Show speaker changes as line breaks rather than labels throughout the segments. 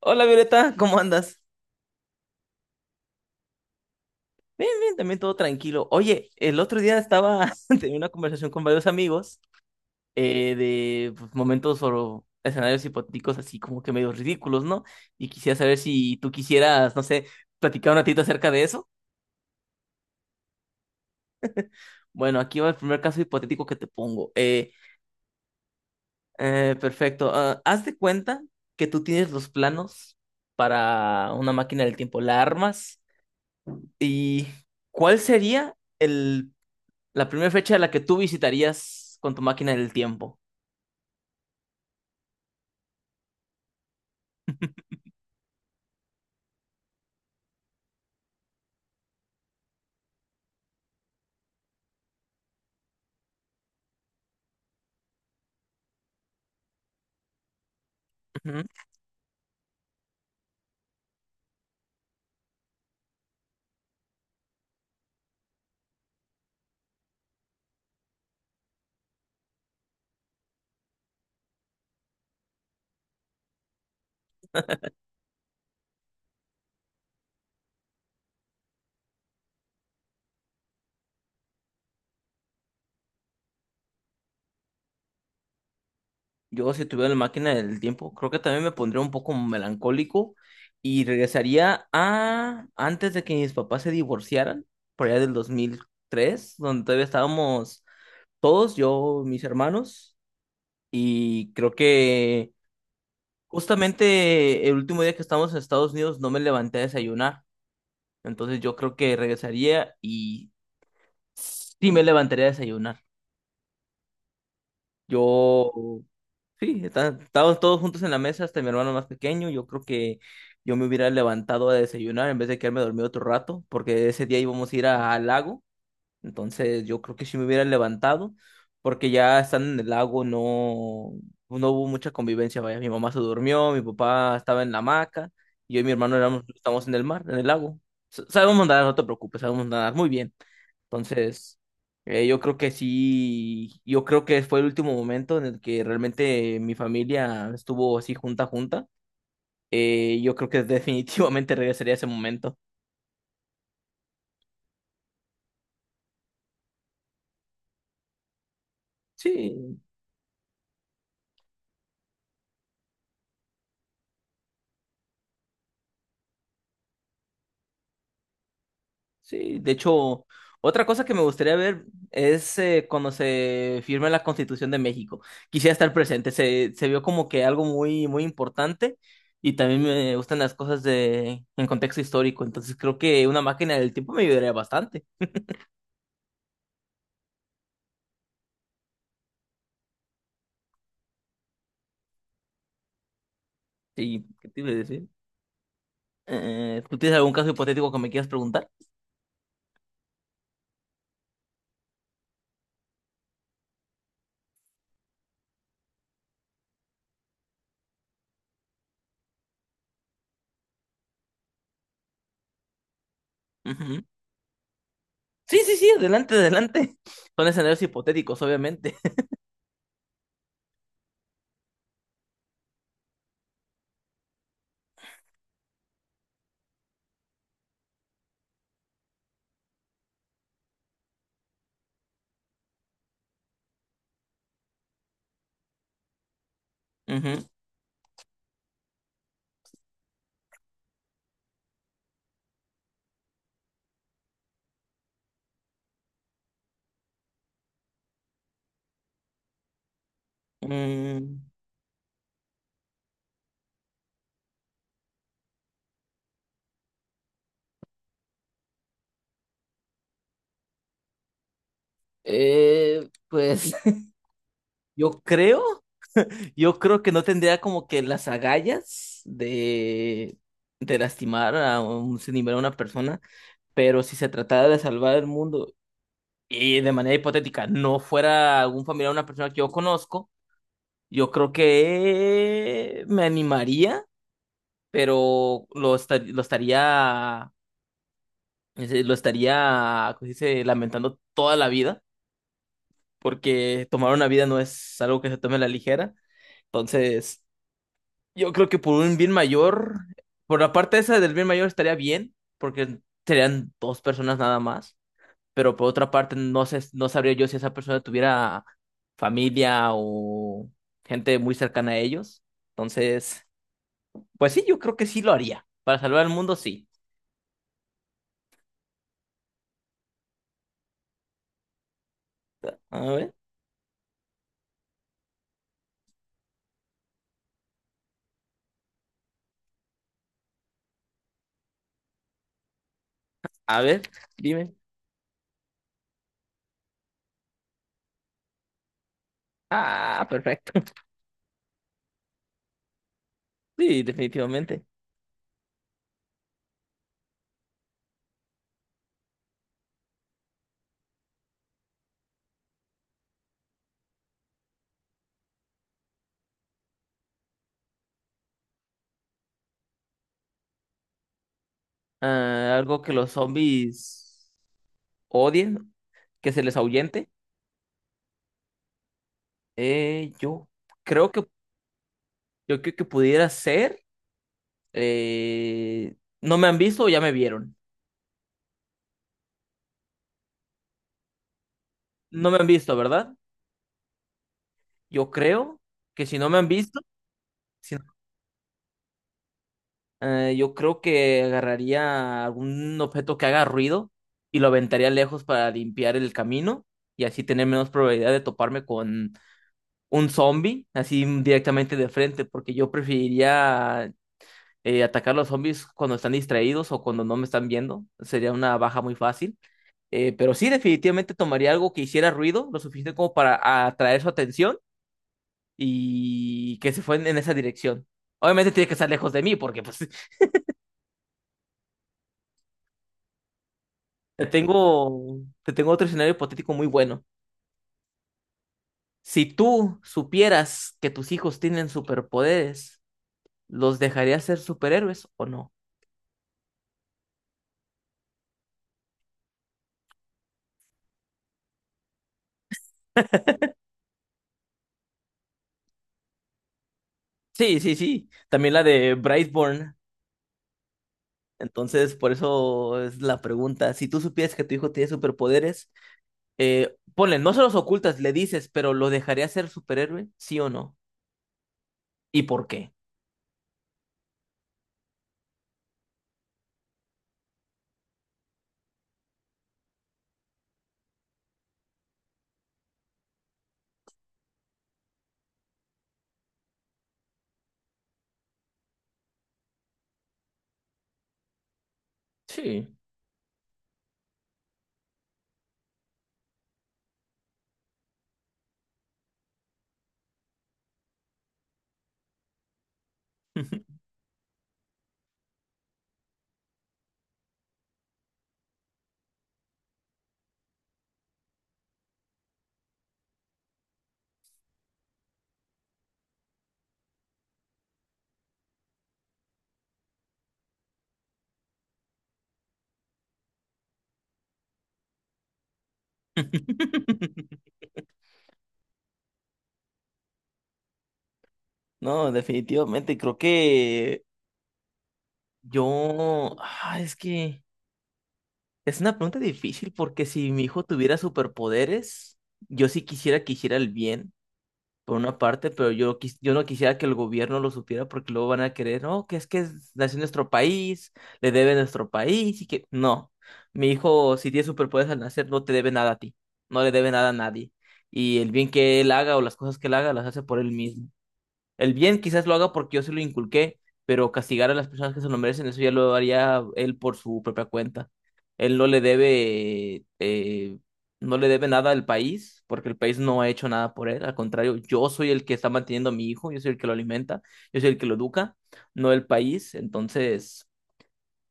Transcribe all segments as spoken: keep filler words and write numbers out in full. Hola Violeta, ¿cómo andas? Bien, también todo tranquilo. Oye, el otro día estaba teniendo una conversación con varios amigos eh, de pues, momentos o escenarios hipotéticos así como que medio ridículos, ¿no? Y quisiera saber si tú quisieras, no sé, platicar un ratito acerca de eso. Bueno, aquí va el primer caso hipotético que te pongo. Eh, eh, perfecto. Ah, haz de cuenta que tú tienes los planos para una máquina del tiempo, la armas. ¿Y cuál sería el la primera fecha a la que tú visitarías con tu máquina del tiempo? Ujú. Yo, si tuviera la máquina del tiempo, creo que también me pondría un poco melancólico y regresaría a antes de que mis papás se divorciaran, por allá del dos mil tres, donde todavía estábamos todos, yo, mis hermanos, y creo que justamente el último día que estábamos en Estados Unidos no me levanté a desayunar, entonces yo creo que regresaría y sí me levantaría a desayunar. Yo. Sí, está- estábamos todos juntos en la mesa, hasta mi hermano más pequeño. Yo creo que yo me hubiera levantado a desayunar en vez de quedarme dormido otro rato, porque ese día íbamos a ir a- al lago. Entonces yo creo que sí me hubiera levantado, porque ya estando en el lago no, no hubo mucha convivencia, vaya, mi mamá se durmió, mi papá estaba en la hamaca, y yo y mi hermano éramos, estábamos en el mar, en el lago. S- Sabemos nadar, no te preocupes, sabemos nadar muy bien. Entonces, eh, yo creo que sí, yo creo que fue el último momento en el que realmente mi familia estuvo así junta, junta. Eh, yo creo que definitivamente regresaría a ese momento. Sí. Sí, de hecho, otra cosa que me gustaría ver es eh, cuando se firme la Constitución de México. Quisiera estar presente, se, se vio como que algo muy, muy importante y también me gustan las cosas de, en contexto histórico, entonces creo que una máquina del tiempo me ayudaría bastante. Sí, ¿qué te iba a decir? Eh, ¿tú tienes algún caso hipotético que me quieras preguntar? Ujú. Sí, sí, sí, adelante, adelante. Son escenarios hipotéticos, obviamente. Ujú. Mm, eh, pues yo creo. Yo creo que no tendría como que las agallas de, de lastimar a un sinimero a una persona, pero si se tratara de salvar el mundo y de manera hipotética no fuera algún familiar de una persona que yo conozco, yo creo que me animaría, pero lo, esta- lo estaría, es decir, lo estaría, ¿cómo se dice? Lamentando toda la vida, porque tomar una vida no es algo que se tome a la ligera. Entonces. Yo creo que por un bien mayor, por la parte esa del bien mayor estaría bien, porque serían dos personas nada más, pero por otra parte no sé, no sabría yo si esa persona tuviera familia o gente muy cercana a ellos. Entonces, pues sí, yo creo que sí lo haría. Para salvar al mundo, sí. A ver, a ver, dime. Ah, perfecto. Sí, definitivamente. Ah, algo que los zombies odien, que se les ahuyente. Eh, yo creo que Yo creo que pudiera ser. eh, no me han visto o ya me vieron. No me han visto, ¿verdad? Yo creo que si no me han visto, si no- eh, yo creo que agarraría algún objeto que haga ruido y lo aventaría lejos para limpiar el camino y así tener menos probabilidad de toparme con un zombie, así directamente de frente, porque yo preferiría eh, atacar a los zombies cuando están distraídos o cuando no me están viendo. Sería una baja muy fácil. Eh, pero sí, definitivamente tomaría algo que hiciera ruido, lo suficiente como para atraer su atención y que se fue en, en esa dirección. Obviamente tiene que estar lejos de mí porque pues te tengo, te tengo otro escenario hipotético muy bueno. Si tú supieras que tus hijos tienen superpoderes, ¿los dejarías ser superhéroes o no? Sí, sí, sí. También la de Brightborn. Entonces, por eso es la pregunta. Si tú supieras que tu hijo tiene superpoderes, eh, ponle, no se los ocultas, le dices, pero ¿lo dejaría ser superhéroe? ¿Sí o no? ¿Y por qué? Sí. No, definitivamente, creo que yo, ah, es que es una pregunta difícil porque si mi hijo tuviera superpoderes, yo sí quisiera que hiciera el bien, por una parte, pero yo, quis- yo no quisiera que el gobierno lo supiera porque luego van a querer, no, que es que es- nació en nuestro país, le debe nuestro país y que no, mi hijo, si tiene superpoderes al nacer, no te debe nada a ti, no le debe nada a nadie. Y el bien que él haga o las cosas que él haga las hace por él mismo. El bien quizás lo haga porque yo se lo inculqué, pero castigar a las personas que se lo merecen, eso ya lo haría él por su propia cuenta. Él no le debe, eh, no le debe nada al país, porque el país no ha hecho nada por él. Al contrario, yo soy el que está manteniendo a mi hijo, yo soy el que lo alimenta, yo soy el que lo educa, no el país. Entonces,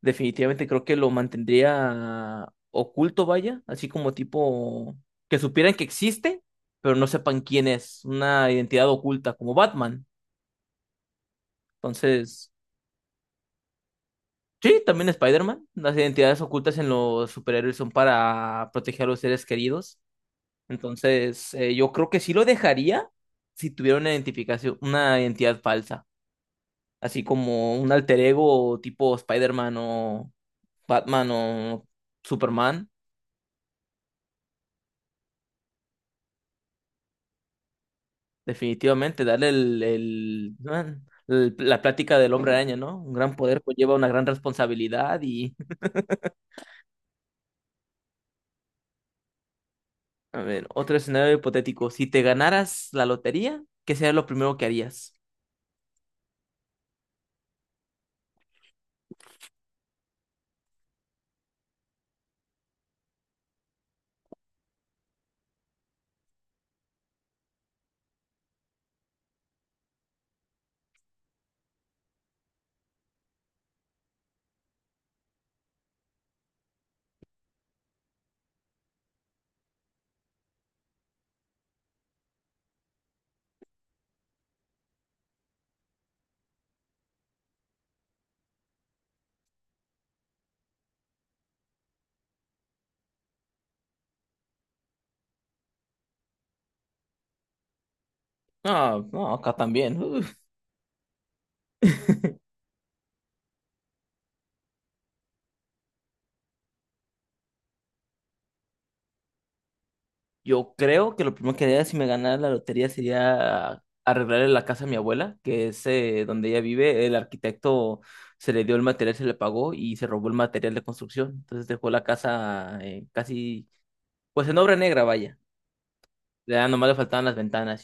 definitivamente creo que lo mantendría oculto, vaya, así como tipo que supieran que existe, pero no sepan quién es, una identidad oculta, como Batman. Entonces, sí, también Spider-Man. Las identidades ocultas en los superhéroes son para proteger a los seres queridos. Entonces, eh, yo creo que sí lo dejaría si tuviera una identificación, una identidad falsa, así como un alter ego tipo Spider-Man o Batman o Superman. Definitivamente, darle el, el- el- la plática del hombre araña, ¿no? Un gran poder conlleva una gran responsabilidad y a ver, otro escenario hipotético. Si te ganaras la lotería, ¿qué sería lo primero que harías? No, no, acá también. Uf. Yo creo que lo primero que haría si me ganara la lotería sería arreglarle la casa a mi abuela, que es eh, donde ella vive. El arquitecto se le dio el material, se le pagó y se robó el material de construcción. Entonces dejó la casa eh, casi, pues en obra negra, vaya. Ya nomás le faltaban las ventanas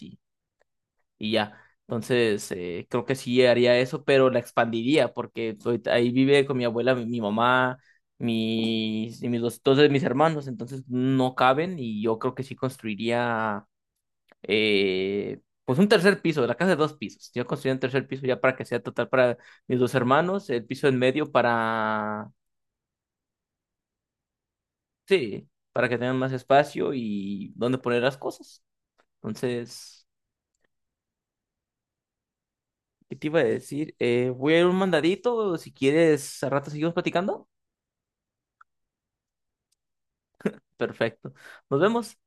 y ya. Entonces, eh, creo que sí haría eso, pero la expandiría porque ahorita ahí vive con mi abuela, mi, mi mamá, mis, y mis dos, dos de mis hermanos, entonces no caben y yo creo que sí construiría eh, pues un tercer piso, la casa de dos pisos. Yo construiría un tercer piso ya para que sea total para mis dos hermanos, el piso en medio para, sí, para que tengan más espacio y donde poner las cosas. Entonces... ¿Qué te iba a decir? Eh, voy a ir un mandadito. Si quieres, a rato seguimos platicando. Perfecto. Nos vemos.